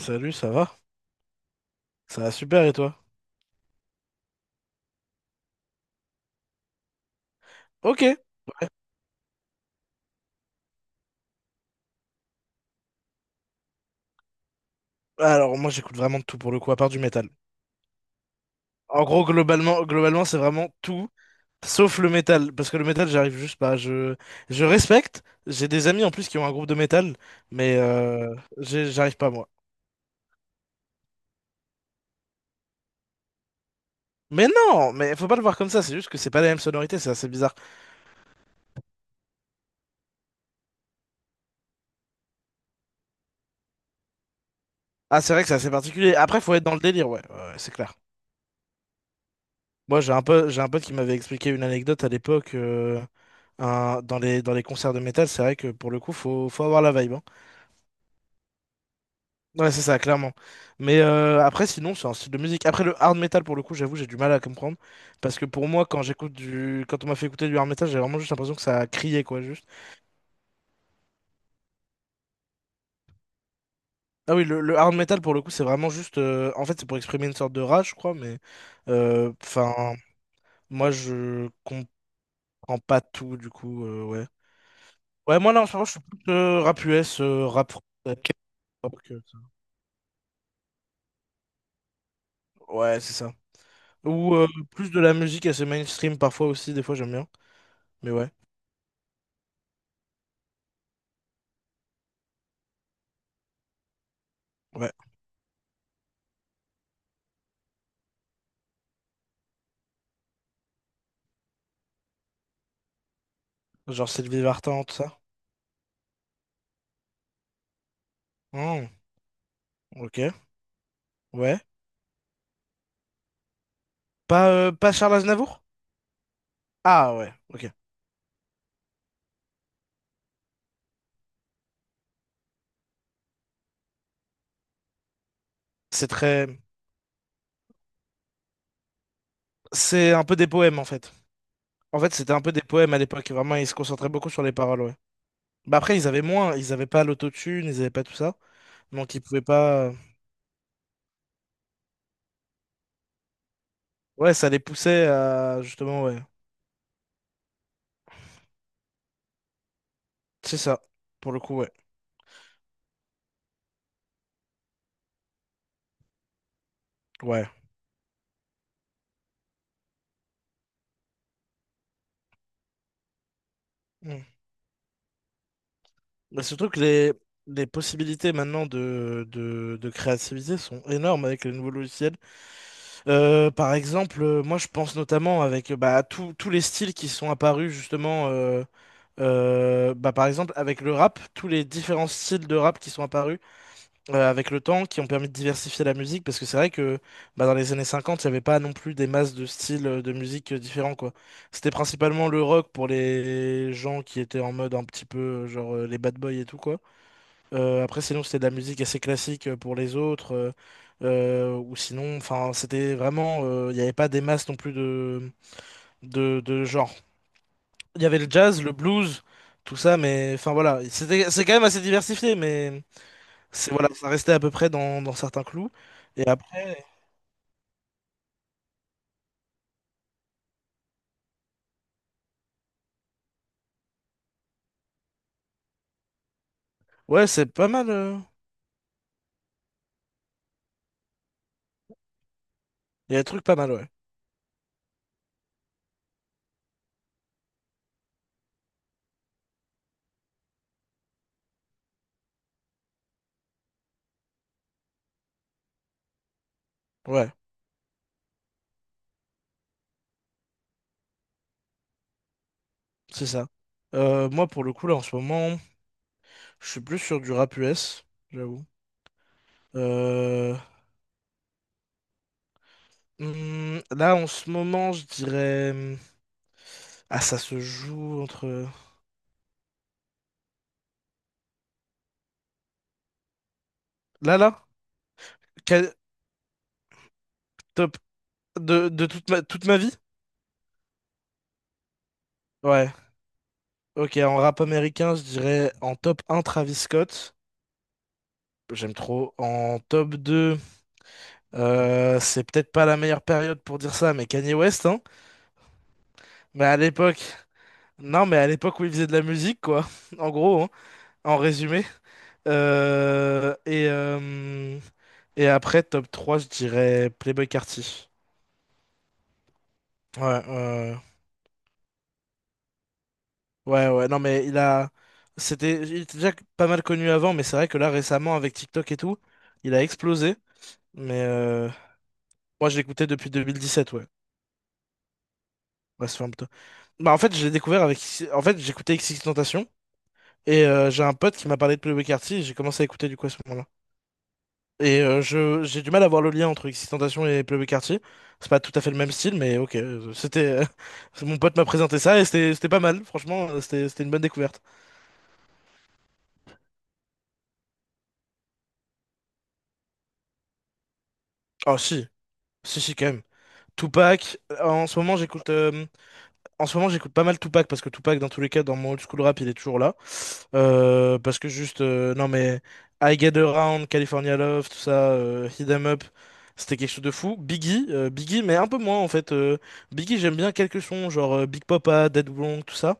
Salut, ça va? Ça va super et toi? Ok. Alors moi j'écoute vraiment de tout pour le coup, à part du métal. En gros, globalement, c'est vraiment tout, sauf le métal. Parce que le métal, j'arrive juste pas. Je respecte. J'ai des amis en plus qui ont un groupe de métal, mais j'arrive pas moi. Mais non, mais faut pas le voir comme ça, c'est juste que c'est pas la même sonorité, c'est assez bizarre. Ah, c'est vrai que c'est assez particulier. Après, faut être dans le délire, ouais, ouais, ouais, c'est clair. Moi, j'ai un pote qui m'avait expliqué une anecdote à l'époque, dans les concerts de métal, c'est vrai que pour le coup, faut avoir la vibe, hein. Ouais, c'est ça, clairement. Mais après, sinon, c'est un style de musique. Après, le hard metal, pour le coup, j'avoue, j'ai du mal à comprendre. Parce que pour moi, quand on m'a fait écouter du hard metal, j'ai vraiment juste l'impression que ça criait, quoi, juste. Ah oui, le hard metal, pour le coup, c'est vraiment juste. En fait, c'est pour exprimer une sorte de rage, je crois, mais enfin, moi, je comprends pas tout, du coup, ouais. Ouais, moi, là, en ce moment, je suis plus rap US, rap français, K-pop. Ouais, c'est ça. Ou plus de la musique assez mainstream, parfois, aussi, des fois, j'aime bien. Mais ouais, ouais. Genre Sylvie Vartan, tout ça? Hmm, ok. Ouais. Pas Charles Aznavour? Ah ouais, ok. C'est très... C'est un peu des poèmes, en fait. En fait, c'était un peu des poèmes à l'époque. Vraiment, ils se concentraient beaucoup sur les paroles, ouais. Bah après, ils avaient moins. Ils avaient pas l'autotune, ils avaient pas tout ça. Donc, ils pouvaient pas. Ouais, ça les poussait à. Justement, ouais. C'est ça. Pour le coup, ouais. Ouais. Hmm. Bah, les possibilités maintenant de créativité sont énormes avec les nouveaux logiciels. Par exemple, moi je pense notamment avec bah, tous les styles qui sont apparus justement, bah, par exemple avec le rap, tous les différents styles de rap qui sont apparus avec le temps, qui ont permis de diversifier la musique, parce que c'est vrai que bah, dans les années 50, il n'y avait pas non plus des masses de styles de musique différents, quoi. C'était principalement le rock pour les gens qui étaient en mode un petit peu genre les bad boys et tout, quoi. Après, sinon, c'était de la musique assez classique pour les autres. Ou sinon, enfin, c'était vraiment. Il n'y avait pas des masses non plus de genre. Il y avait le jazz, le blues, tout ça, mais enfin voilà. C'était, c'est quand même assez diversifié, mais c'est, voilà, ça restait à peu près dans certains clous. Et après, ouais, c'est pas mal. Il y a des trucs pas mal, ouais. Ouais, c'est ça. Moi, pour le coup, là, en ce moment, je suis plus sur du rap US, j'avoue. Euh, Là, en ce moment, je dirais. Ah, ça se joue entre. Là, là? Quel- Top. De toute ma vie? Ouais. Ok, en rap américain, je dirais en top un Travis Scott. J'aime trop. En top 2, c'est peut-être pas la meilleure période pour dire ça, mais Kanye West, hein. Mais à l'époque, non, mais à l'époque où il faisait de la musique, quoi. En gros, hein, en résumé. Euh, et, euh, et après, top 3, je dirais Playboi Carti. Ouais, ouais, ouais. Ouais, ouais, non, mais il a. Il était déjà pas mal connu avant, mais c'est vrai que là, récemment, avec TikTok et tout, il a explosé. Mais moi, je l'écoutais depuis 2017, ouais. Ouais, ça fait un peu tôt. Bah, en fait, je l'ai découvert avec. En fait, j'écoutais XXXTentacion, et j'ai un pote qui m'a parlé de Playboi Carti, et j'ai commencé à écouter du coup à ce moment-là. Et j'ai du mal à voir le lien entre XXXTentacion et Playboi Carti. C'est pas tout à fait le même style, mais ok. C'était. Mon pote m'a présenté ça, et c'était pas mal, franchement, c'était une bonne découverte. Oh, si, si, si, quand même. Tupac, en ce moment j'écoute pas mal Tupac parce que Tupac dans tous les cas dans mon old school rap il est toujours là. Parce que juste, non mais I Get Around, California Love, tout ça, Hit 'Em Up, c'était quelque chose de fou. Biggie mais un peu moins en fait. Biggie j'aime bien quelques sons, genre Big Papa, Dead Blonde, tout ça,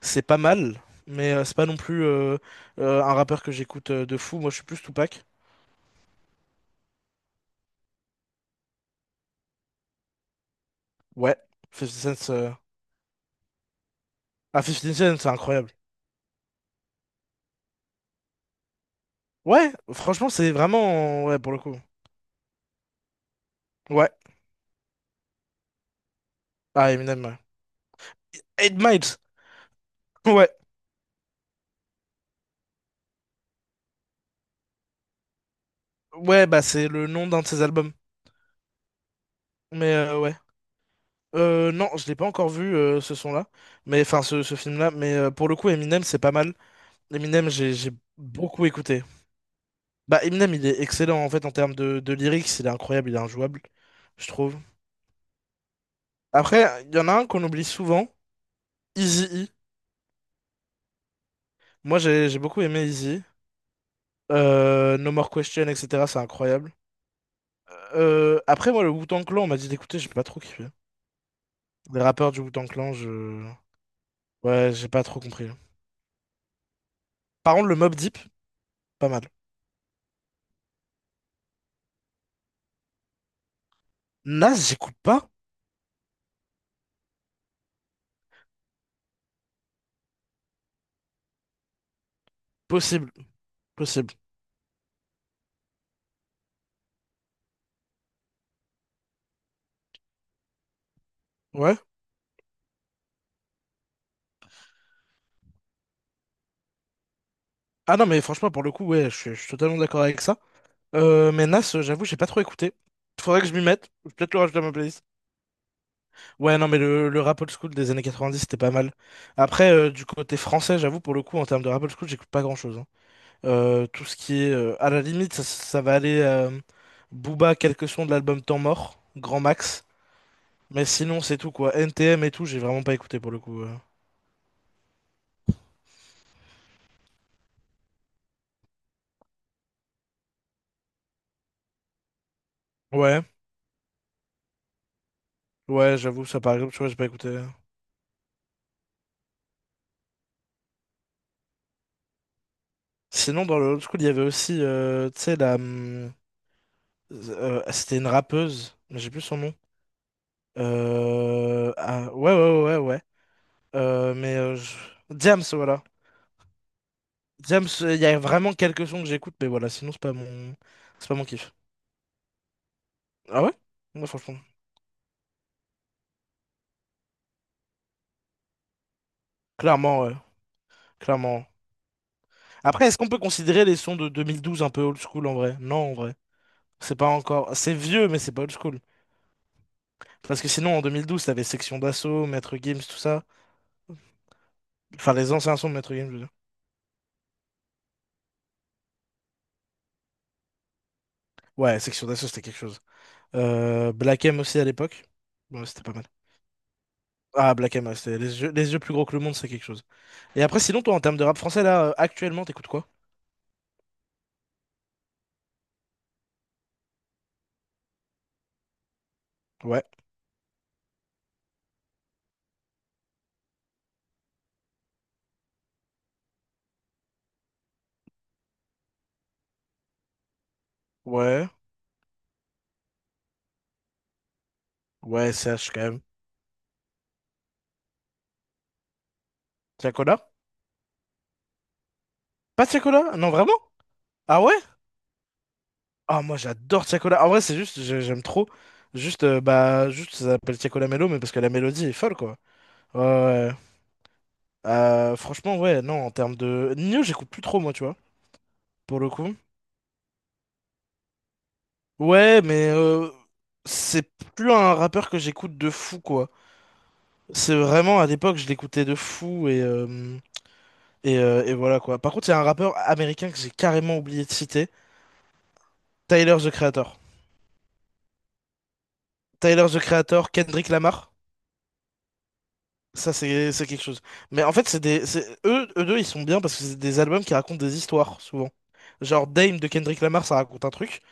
c'est pas mal mais c'est pas non plus un rappeur que j'écoute de fou. Moi je suis plus Tupac. Ouais, 50 Cent, ah, 50 Cent c'est incroyable. Ouais, franchement c'est vraiment, ouais, pour le coup. Ouais. Ah, Eminem, ouais. 8 Miles. Ouais. Ouais, bah c'est le nom d'un de ses albums. Mais ouais. Non, je l'ai pas encore vu, ce son-là. Mais enfin, ce film-là. Mais pour le coup, Eminem, c'est pas mal. Eminem, j'ai beaucoup écouté. Bah, Eminem, il est excellent en fait en termes de lyrics. Il est incroyable, il est injouable, je trouve. Après, il y en a un qu'on oublie souvent, Eazy-E. Moi, j'ai beaucoup aimé Eazy-E. No More Question, etc. C'est incroyable. Après, moi, le Wu-Tang Clan, on m'a dit d'écouter, j'ai pas trop kiffé. Des rappeurs du Wu-Tang Clan. Ouais, j'ai pas trop compris. Par contre, le Mob Deep, pas mal. Nas, j'écoute pas? Possible, possible. Ouais. Ah non, mais franchement, pour le coup, ouais, je suis totalement d'accord avec ça. Mais Nas, j'avoue, j'ai pas trop écouté. Faudrait que je m'y mette. Je vais peut-être le rajouter à ma playlist. Ouais, non, mais le rap old school des années 90, c'était pas mal. Après, du côté français, j'avoue, pour le coup, en termes de rap old school, j'écoute pas grand-chose, hein. Tout ce qui est. À la limite, ça va aller. Booba, quelques sons de l'album Temps Mort, Grand Max. Mais sinon, c'est tout quoi. NTM et tout, j'ai vraiment pas écouté pour le coup. Ouais, ouais, j'avoue, ça par exemple, tu vois, j'ai pas écouté. Sinon, dans le old school, il y avait aussi, tu sais, la. C'était une rappeuse, mais j'ai plus son nom. Ah, ouais, ouais, ouais, ouais, ouais. Euh, mais. euh, je- Diams, voilà. Diams, il y a vraiment quelques sons que j'écoute, mais voilà, sinon, c'est pas mon. C'est pas mon kiff. Ah ouais? Moi, franchement. Clairement, ouais. Clairement. Après, est-ce qu'on peut considérer les sons de 2012 un peu old school en vrai? Non, en vrai. C'est pas encore. C'est vieux, mais c'est pas old school. Parce que sinon, en 2012, t'avais Section d'Assaut, Maître Gims, tout ça. Enfin, les anciens sons de Maître Gims, je veux dire. Ouais, Section d'Assaut, c'était quelque chose. Black M aussi à l'époque. Bon, c'était pas mal. Ah, Black M, ouais, c'était les yeux plus gros que le monde, c'est quelque chose. Et après, sinon, toi, en termes de rap français, là, actuellement, t'écoutes quoi? Ouais. Ouais. Ouais, CH quand même. Tiakola? Pas Tiakola? Non, vraiment? Ah ouais? Ah, moi, j'adore Tiakola. En vrai, c'est juste, j'aime trop. Juste, bah, juste, ça s'appelle Tiakola Mello, mais parce que la mélodie est folle, quoi. Ouais, ouais, ouais. Franchement, ouais, non, en termes de. Nino, j'écoute plus trop, moi, tu vois, pour le coup. Ouais, mais c'est plus un rappeur que j'écoute de fou, quoi. C'est vraiment, à l'époque, je l'écoutais de fou, et voilà, quoi. Par contre, il y a un rappeur américain que j'ai carrément oublié de citer, Tyler, The Creator. Tyler, The Creator, Kendrick Lamar. Ça, c'est quelque chose. Mais en fait, c'est, eux, eux deux, ils sont bien parce que c'est des albums qui racontent des histoires, souvent. Genre Dame de Kendrick Lamar, ça raconte un truc.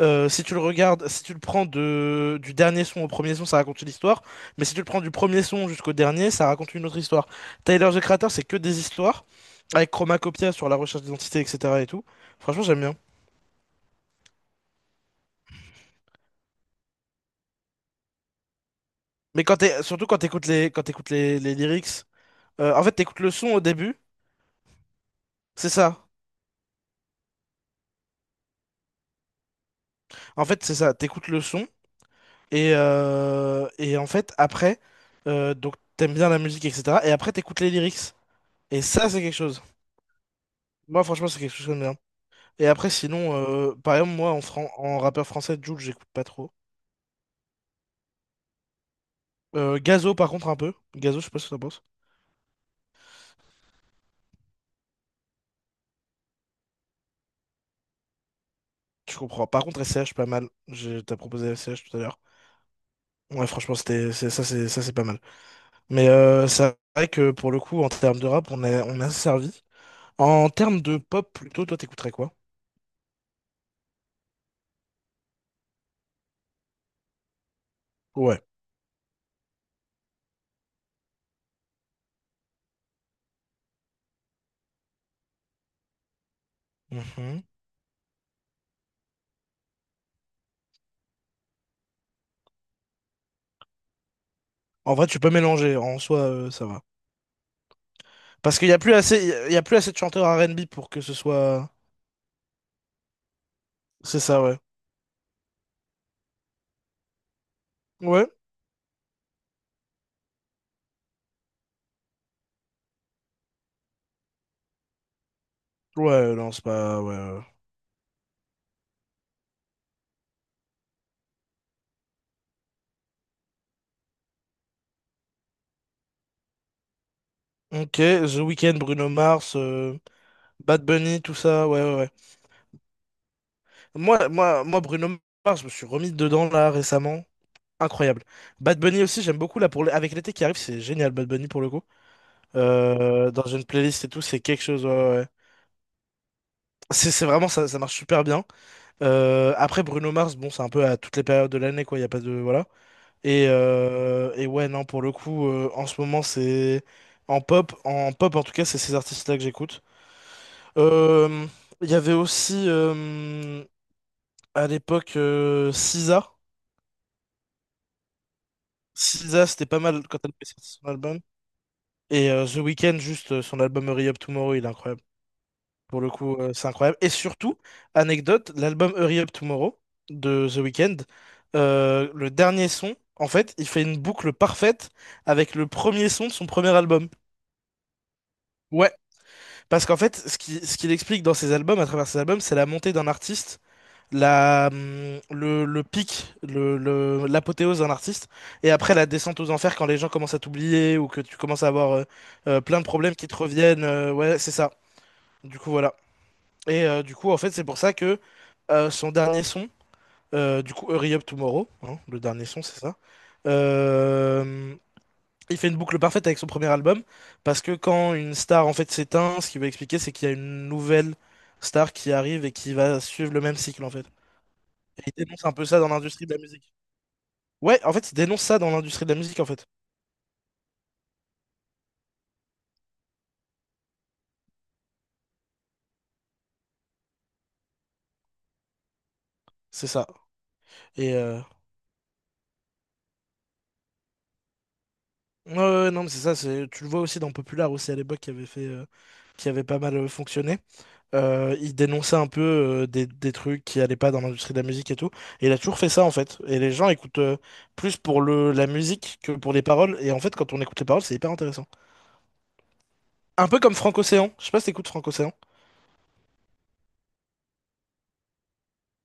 Si tu le regardes, si tu le prends du dernier son au premier son, ça raconte une histoire. Mais si tu le prends du premier son jusqu'au dernier, ça raconte une autre histoire. Tyler, The Creator, c'est que des histoires. Avec Chromacopia sur la recherche d'identité, etc. et tout. Franchement, j'aime bien. Mais quand t'es, surtout quand t'écoutes les, quand t'écoutes les lyrics, en fait, t'écoutes le son au début, c'est ça. En fait, c'est ça. T'écoutes le son. Et en fait, après, donc t'aimes bien la musique, etc. Et après, t'écoutes les lyrics. Et ça, c'est quelque chose. Moi, franchement, c'est quelque chose que j'aime bien. Et après, sinon, par exemple, moi, en rappeur français, Jul, j'écoute pas trop. Gazo, par contre, un peu. Gazo, je sais pas ce que t'en penses. Je comprends. Par contre, S C H pas mal. T'as proposé S C H tout à l'heure. Ouais, franchement, c'était, c'est- ça, c'est, ça, c'est pas mal. Mais c'est vrai que pour le coup, en termes de rap, on a servi. En termes de pop, plutôt, toi, t'écouterais quoi? Ouais. En vrai, tu peux mélanger. En soi, ça va. Parce qu'il y a plus assez, il y a plus assez de chanteurs R&B pour que ce soit. C'est ça, ouais. Ouais. Ouais, non, c'est pas. Ouais, ouais, ouais. Ok, The Weeknd, Bruno Mars, Bad Bunny, tout ça. Ouais, ouais, ouais. Moi, Bruno Mars, je me suis remis dedans là récemment. Incroyable. Bad Bunny aussi, j'aime beaucoup là avec l'été qui arrive, c'est génial Bad Bunny pour le coup. Dans une playlist et tout, c'est quelque chose. Ouais, ouais, ouais. C'est vraiment ça, ça marche super bien. Après Bruno Mars, bon, c'est un peu à toutes les périodes de l'année quoi. Il y a pas de voilà. Et ouais, non, pour le coup, en ce moment, en pop en tout cas, c'est ces artistes-là que j'écoute. Euh, Il y avait aussi à l'époque SZA. SZA, c'était pas mal quand elle avait sorti son album. Et The Weeknd, juste son album Hurry Up Tomorrow, il est incroyable. Pour le coup, c'est incroyable. Et surtout, anecdote, l'album Hurry Up Tomorrow de The Weeknd, le dernier son, en fait, il fait une boucle parfaite avec le premier son de son premier album. Ouais. Parce qu'en fait, ce qu'il explique dans ses albums, à travers ses albums, c'est la montée d'un artiste, le pic, l'apothéose d'un artiste, et après la descente aux enfers quand les gens commencent à t'oublier ou que tu commences à avoir plein de problèmes qui te reviennent. Ouais, c'est ça. Du coup, voilà. Et du coup, en fait, c'est pour ça que son dernier son, du coup, Hurry Up Tomorrow, hein, le dernier son, c'est ça. Euh, il fait une boucle parfaite avec son premier album, parce que quand une star en fait s'éteint, ce qu'il va expliquer, c'est qu'il y a une nouvelle star qui arrive et qui va suivre le même cycle en fait. Et il dénonce un peu ça dans l'industrie de la musique. Ouais, en fait, il dénonce ça dans l'industrie de la musique en fait. C'est ça. Et ouais, ouais, ouais, non, mais c'est ça. C'est tu le vois aussi dans Popular aussi à l'époque qui avait fait, qui avait pas mal fonctionné. Il dénonçait un peu des trucs qui allaient pas dans l'industrie de la musique et tout. Et il a toujours fait ça en fait. Et les gens écoutent plus pour la musique que pour les paroles. Et en fait, quand on écoute les paroles, c'est hyper intéressant. Un peu comme Franck Océan. Je sais pas si t'écoutes Franck Océan.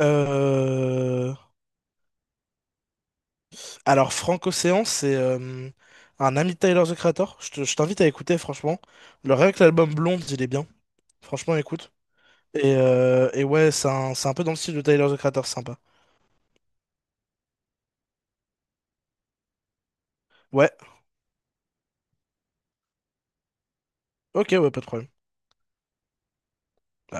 Euh, Alors, Franck Océan, c'est un ami de Tyler the Creator. Je t'invite à écouter, franchement. Le rien que l'album Blonde, il est bien. Franchement, écoute. Et ouais, c'est un peu dans le style de Tyler the Creator, sympa. Ouais, ok, ouais, pas de problème.